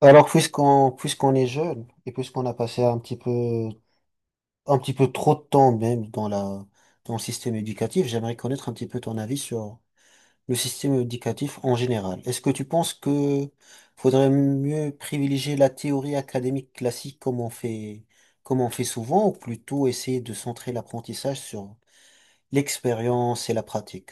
Alors, puisqu'on est jeune et puisqu'on a passé un petit peu trop de temps même dans le système éducatif, j'aimerais connaître un petit peu ton avis sur le système éducatif en général. Est-ce que tu penses que faudrait mieux privilégier la théorie académique classique comme on fait souvent ou plutôt essayer de centrer l'apprentissage sur l'expérience et la pratique?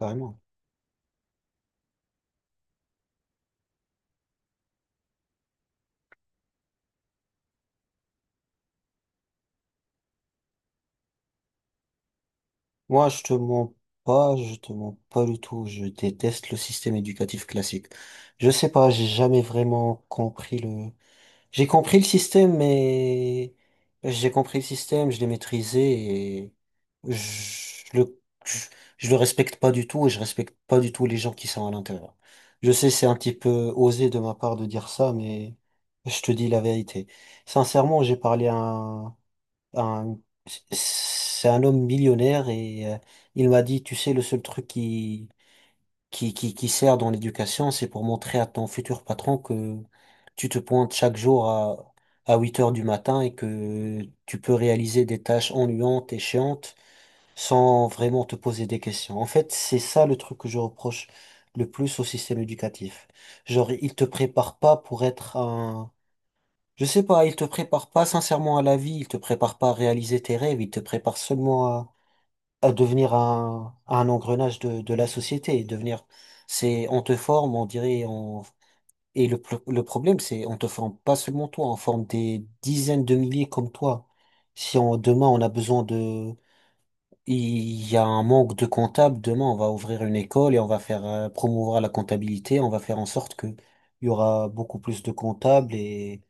Vraiment. Moi, je te mens pas du tout. Je déteste le système éducatif classique. Je sais pas, j'ai jamais vraiment compris le. J'ai compris le système, mais j'ai compris le système, je l'ai maîtrisé et je le je, je le respecte pas du tout et je respecte pas du tout les gens qui sont à l'intérieur. Je sais, c'est un petit peu osé de ma part de dire ça, mais je te dis la vérité. Sincèrement, j'ai parlé à un- c'est un homme millionnaire et il m'a dit, tu sais, le seul truc qui sert dans l'éducation, c'est pour montrer à ton futur patron que tu te pointes chaque jour à 8 heures du matin et que tu peux réaliser des tâches ennuyantes et chiantes sans vraiment te poser des questions. En fait, c'est ça le truc que je reproche le plus au système éducatif. Genre, il te prépare pas pour être je sais pas, il te prépare pas sincèrement à la vie, il te prépare pas à réaliser tes rêves, il te prépare seulement à devenir un engrenage de la société, et devenir, c'est, on te forme, on dirait, on, et le, le problème, c'est, on te forme pas seulement toi, on forme des dizaines de milliers comme toi. Si on, demain, on a besoin de, il y a un manque de comptables, demain, on va ouvrir une école et on va faire promouvoir la comptabilité, on va faire en sorte que il y aura beaucoup plus de comptables et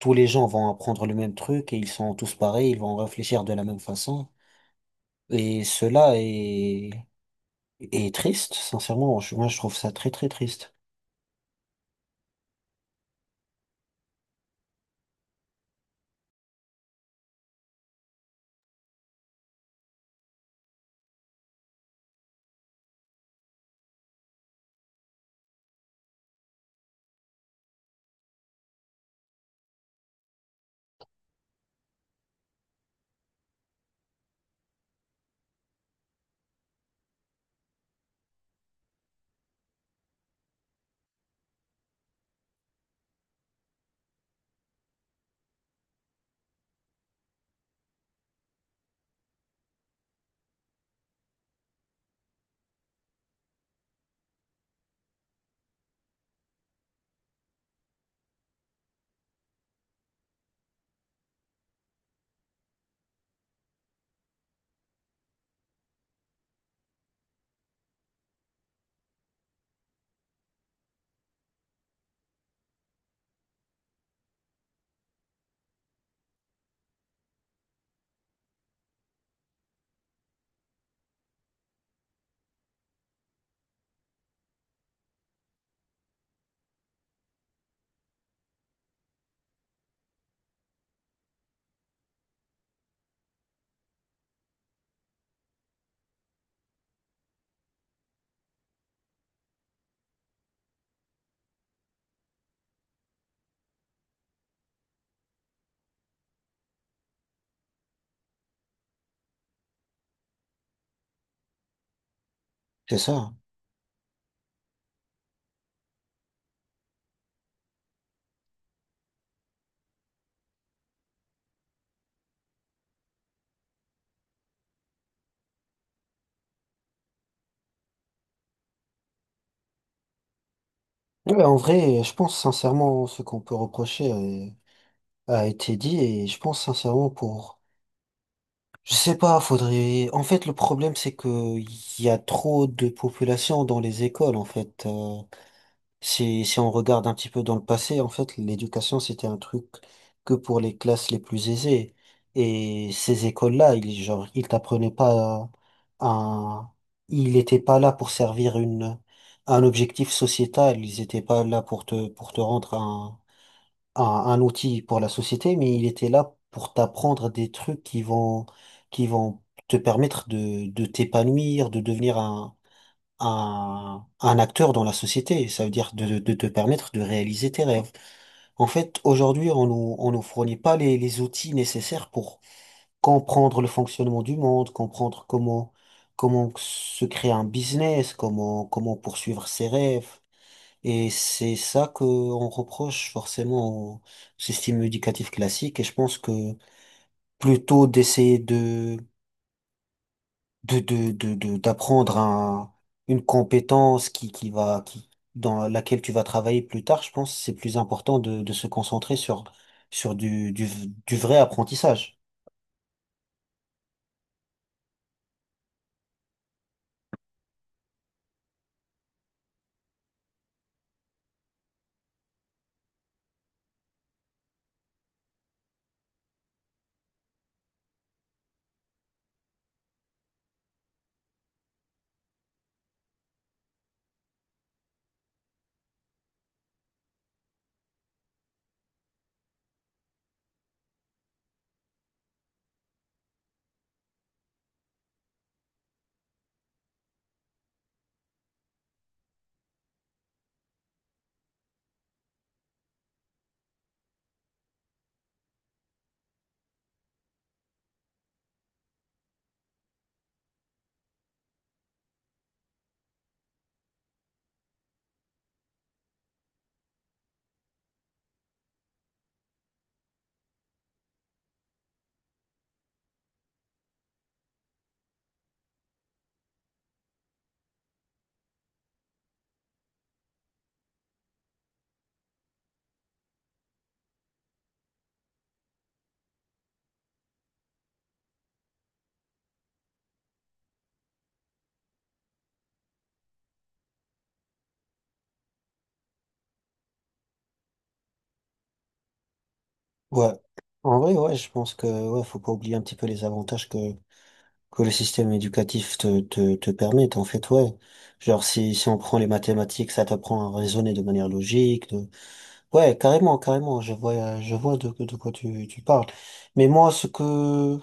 tous les gens vont apprendre le même truc et ils sont tous pareils, ils vont réfléchir de la même façon. Et cela est, Est triste, sincèrement. Moi, je trouve ça très, très triste. C'est ça. Ouais, en vrai, je pense sincèrement ce qu'on peut reprocher a été dit et je pense sincèrement pour... Je sais pas, faudrait... En fait, le problème, c'est que il y a trop de population dans les écoles, en fait. Si, si on regarde un petit peu dans le passé, en fait, l'éducation, c'était un truc que pour les classes les plus aisées. Et ces écoles-là, ils, genre, ils t'apprenaient pas un, ils étaient pas là pour servir une, un objectif sociétal. Ils étaient pas là pour te rendre un, un outil pour la société, mais ils étaient là pour t'apprendre des trucs qui vont te permettre de t'épanouir, de devenir un acteur dans la société. Ça veut dire de te permettre de réaliser tes rêves. En fait, aujourd'hui, on nous fournit pas les, les outils nécessaires pour comprendre le fonctionnement du monde, comprendre comment, comment se créer un business, comment, comment poursuivre ses rêves. Et c'est ça que on reproche forcément au système éducatif classique. Et je pense que plutôt d'essayer de d'apprendre un, une compétence qui va, qui, dans laquelle tu vas travailler plus tard, je pense, que c'est plus important de se concentrer sur, sur du vrai apprentissage. Ouais. En vrai, ouais, je pense que, ouais, faut pas oublier un petit peu les avantages que le système éducatif te permet, en fait, ouais. Genre, si, si on prend les mathématiques, ça t'apprend à raisonner de manière logique. Ouais, carrément, carrément, je vois de quoi tu, tu parles. Mais moi,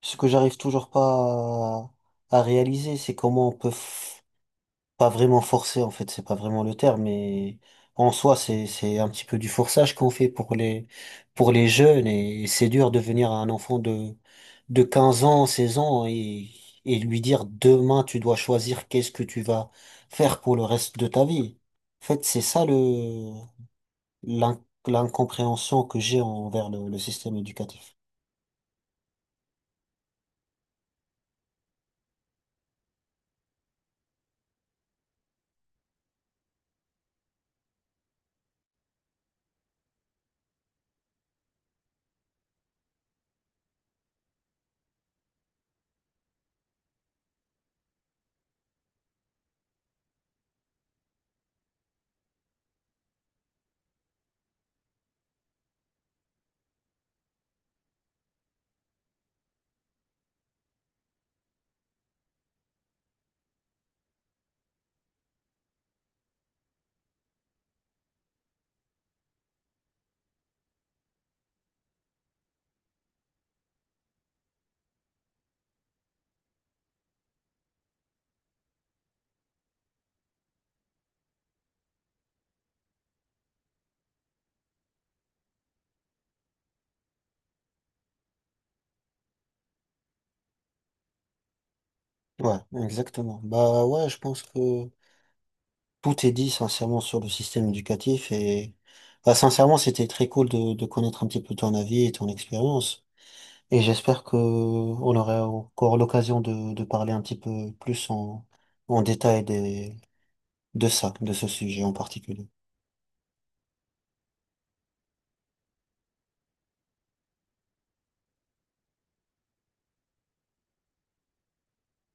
ce que j'arrive toujours pas à, à réaliser, c'est comment pas vraiment forcer, en fait, c'est pas vraiment le terme, mais en soi, c'est un petit peu du forçage qu'on fait pour les jeunes et c'est dur de venir à un enfant de 15 ans, 16 ans et lui dire demain, tu dois choisir qu'est-ce que tu vas faire pour le reste de ta vie. En fait, c'est ça le, l'incompréhension que j'ai envers le système éducatif. Ouais, exactement. Bah ouais, je pense que tout est dit sincèrement sur le système éducatif et bah, sincèrement, c'était très cool de connaître un petit peu ton avis et ton expérience. Et j'espère que on aura encore l'occasion de parler un petit peu plus en, en détail des, de ça, de ce sujet en particulier.